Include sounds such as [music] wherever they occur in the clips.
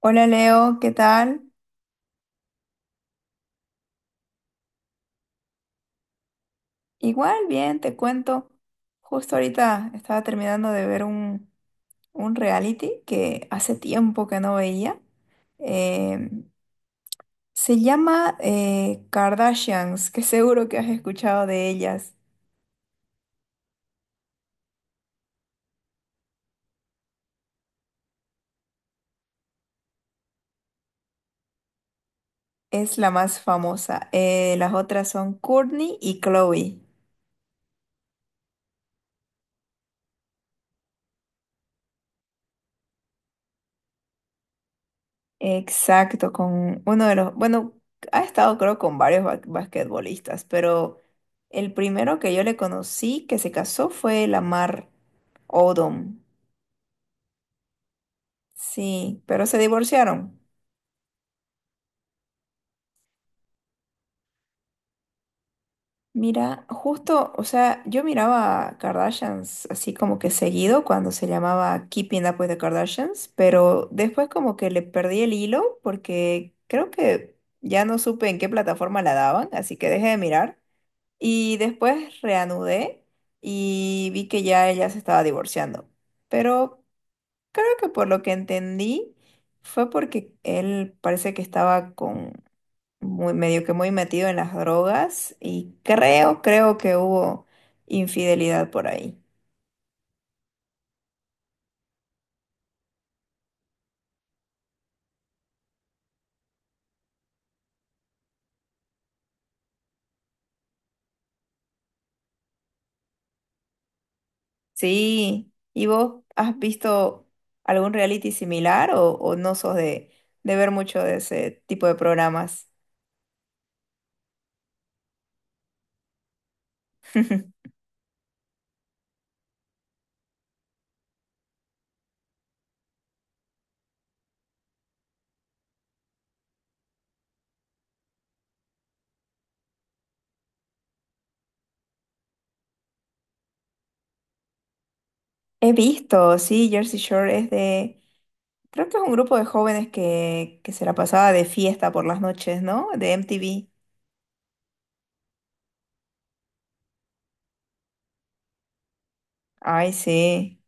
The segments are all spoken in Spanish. Hola Leo, ¿qué tal? Igual, bien, te cuento. Justo ahorita estaba terminando de ver un reality que hace tiempo que no veía. Eh, Se llama Kardashians, que seguro que has escuchado de ellas. Es la más famosa. Las otras son Kourtney y Chloe. Exacto, con uno de los, bueno, ha estado creo con varios basquetbolistas, pero el primero que yo le conocí que se casó fue Lamar Odom. Sí, pero se divorciaron. Mira, justo, o sea, yo miraba a Kardashians así como que seguido cuando se llamaba Keeping Up with the Kardashians, pero después como que le perdí el hilo porque creo que ya no supe en qué plataforma la daban, así que dejé de mirar. Y después reanudé y vi que ya ella se estaba divorciando. Pero creo que por lo que entendí fue porque él parece que estaba con muy medio que muy metido en las drogas y creo que hubo infidelidad por ahí. Sí, ¿y vos has visto algún reality similar o no sos de ver mucho de ese tipo de programas? He visto, sí, Jersey Shore es de. Creo que es un grupo de jóvenes que se la pasaba de fiesta por las noches, ¿no? De MTV. Ay, sí.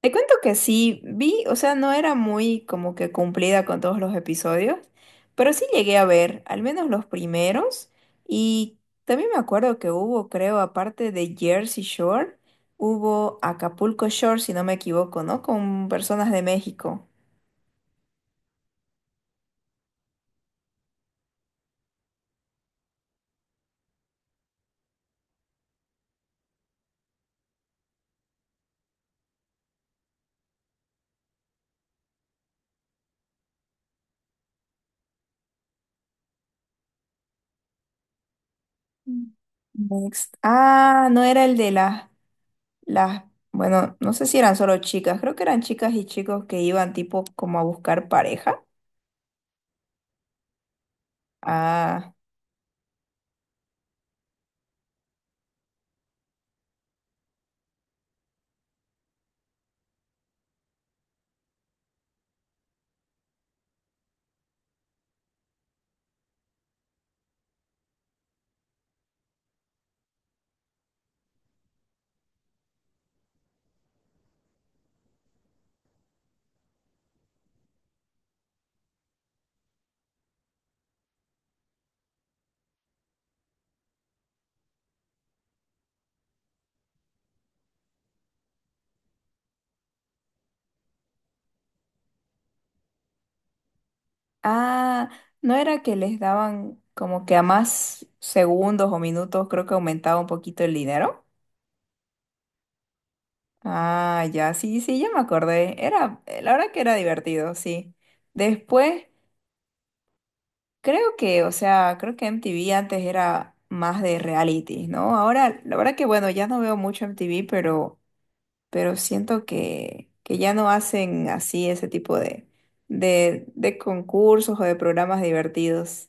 Te cuento que sí, vi, o sea, no era muy como que cumplida con todos los episodios, pero sí llegué a ver, al menos los primeros, y también me acuerdo que hubo, creo, aparte de Jersey Shore, hubo Acapulco Shore, si no me equivoco, ¿no? Con personas de México. Mm. Next. Ah, no era el de las. Las, bueno, no sé si eran solo chicas, creo que eran chicas y chicos que iban tipo como a buscar pareja. Ah, ah, no era que les daban como que a más segundos o minutos, creo que aumentaba un poquito el dinero. Ah, ya, sí, sí, ya me acordé. Era, la verdad que era divertido, sí. Después, creo que, o sea, creo que MTV antes era más de reality, ¿no? Ahora, la verdad que bueno, ya no veo mucho MTV, pero siento que ya no hacen así ese tipo de concursos o de programas divertidos.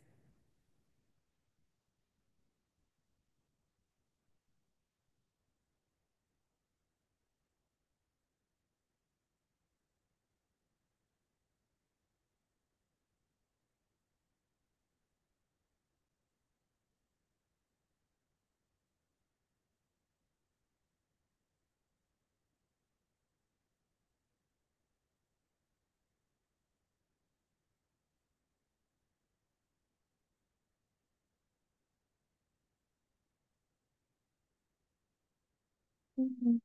Ujú.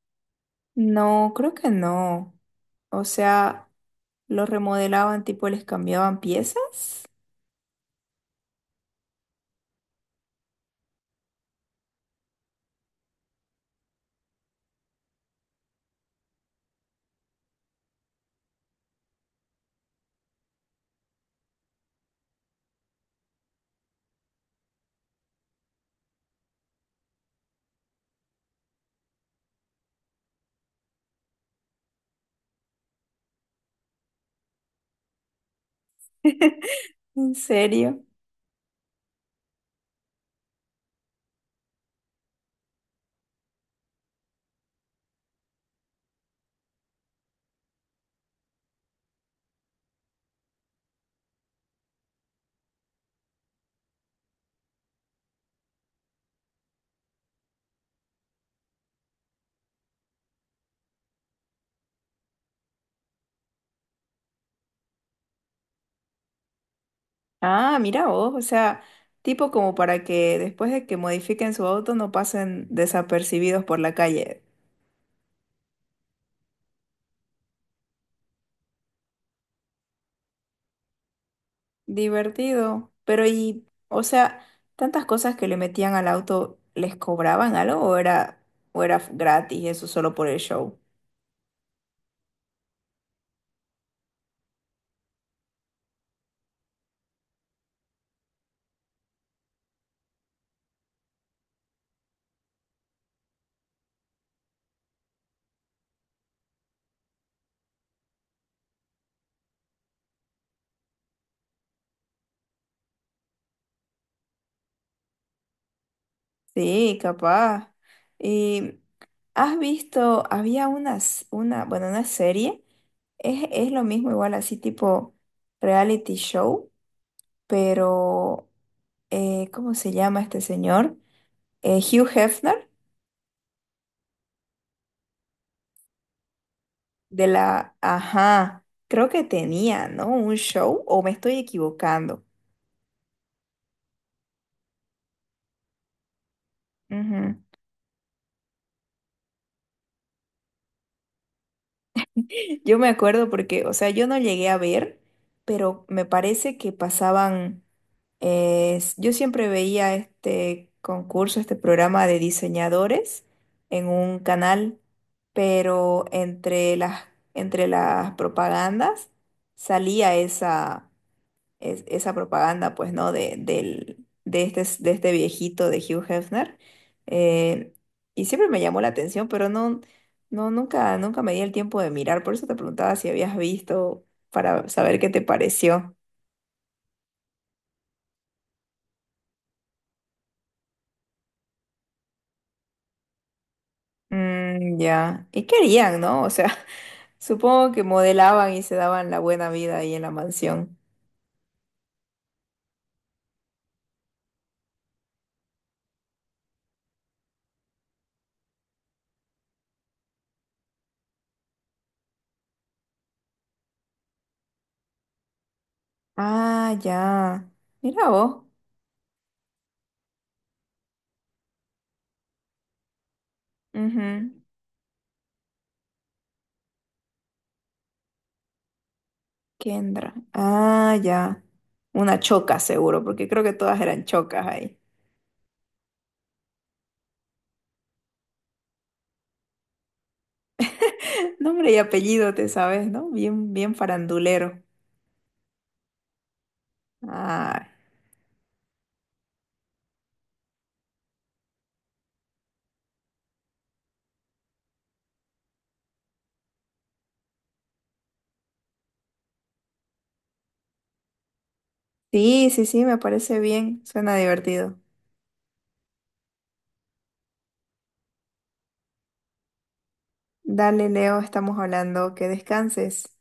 No, creo que no. O sea, los remodelaban, tipo, les cambiaban piezas. [laughs] ¿En serio? Ah, mira vos, o sea, tipo como para que después de que modifiquen su auto no pasen desapercibidos por la calle. Divertido. Pero y, o sea, tantas cosas que le metían al auto, ¿les cobraban algo o o era gratis eso solo por el show? Sí, capaz. Y has visto, había unas, una, bueno, una serie, es lo mismo igual así tipo reality show, pero ¿cómo se llama este señor? Hugh Hefner de la, ajá, creo que tenía, ¿no? Un show o me estoy equivocando. Ujú. Yo me acuerdo porque, o sea, yo no llegué a ver, pero me parece que pasaban, yo siempre veía este concurso, este programa de diseñadores en un canal, pero entre las propagandas salía esa esa propaganda, pues, ¿no? De este viejito de Hugh Hefner. Eh, y siempre me llamó la atención, pero no, nunca, nunca me di el tiempo de mirar. Por eso te preguntaba si habías visto para saber qué te pareció. Mm, ya. ¿Y qué harían, no? O sea, [laughs] supongo que modelaban y se daban la buena vida ahí en la mansión. Ah, ya. Mira vos. Ujú. Kendra. Ah, ya. Una choca seguro, porque creo que todas eran chocas ahí. [laughs] Nombre y apellido, te sabes, ¿no? Bien, bien farandulero. Ah, sí, sí, sí, me parece bien. Suena divertido. Dale, Leo, estamos hablando. Que descanses.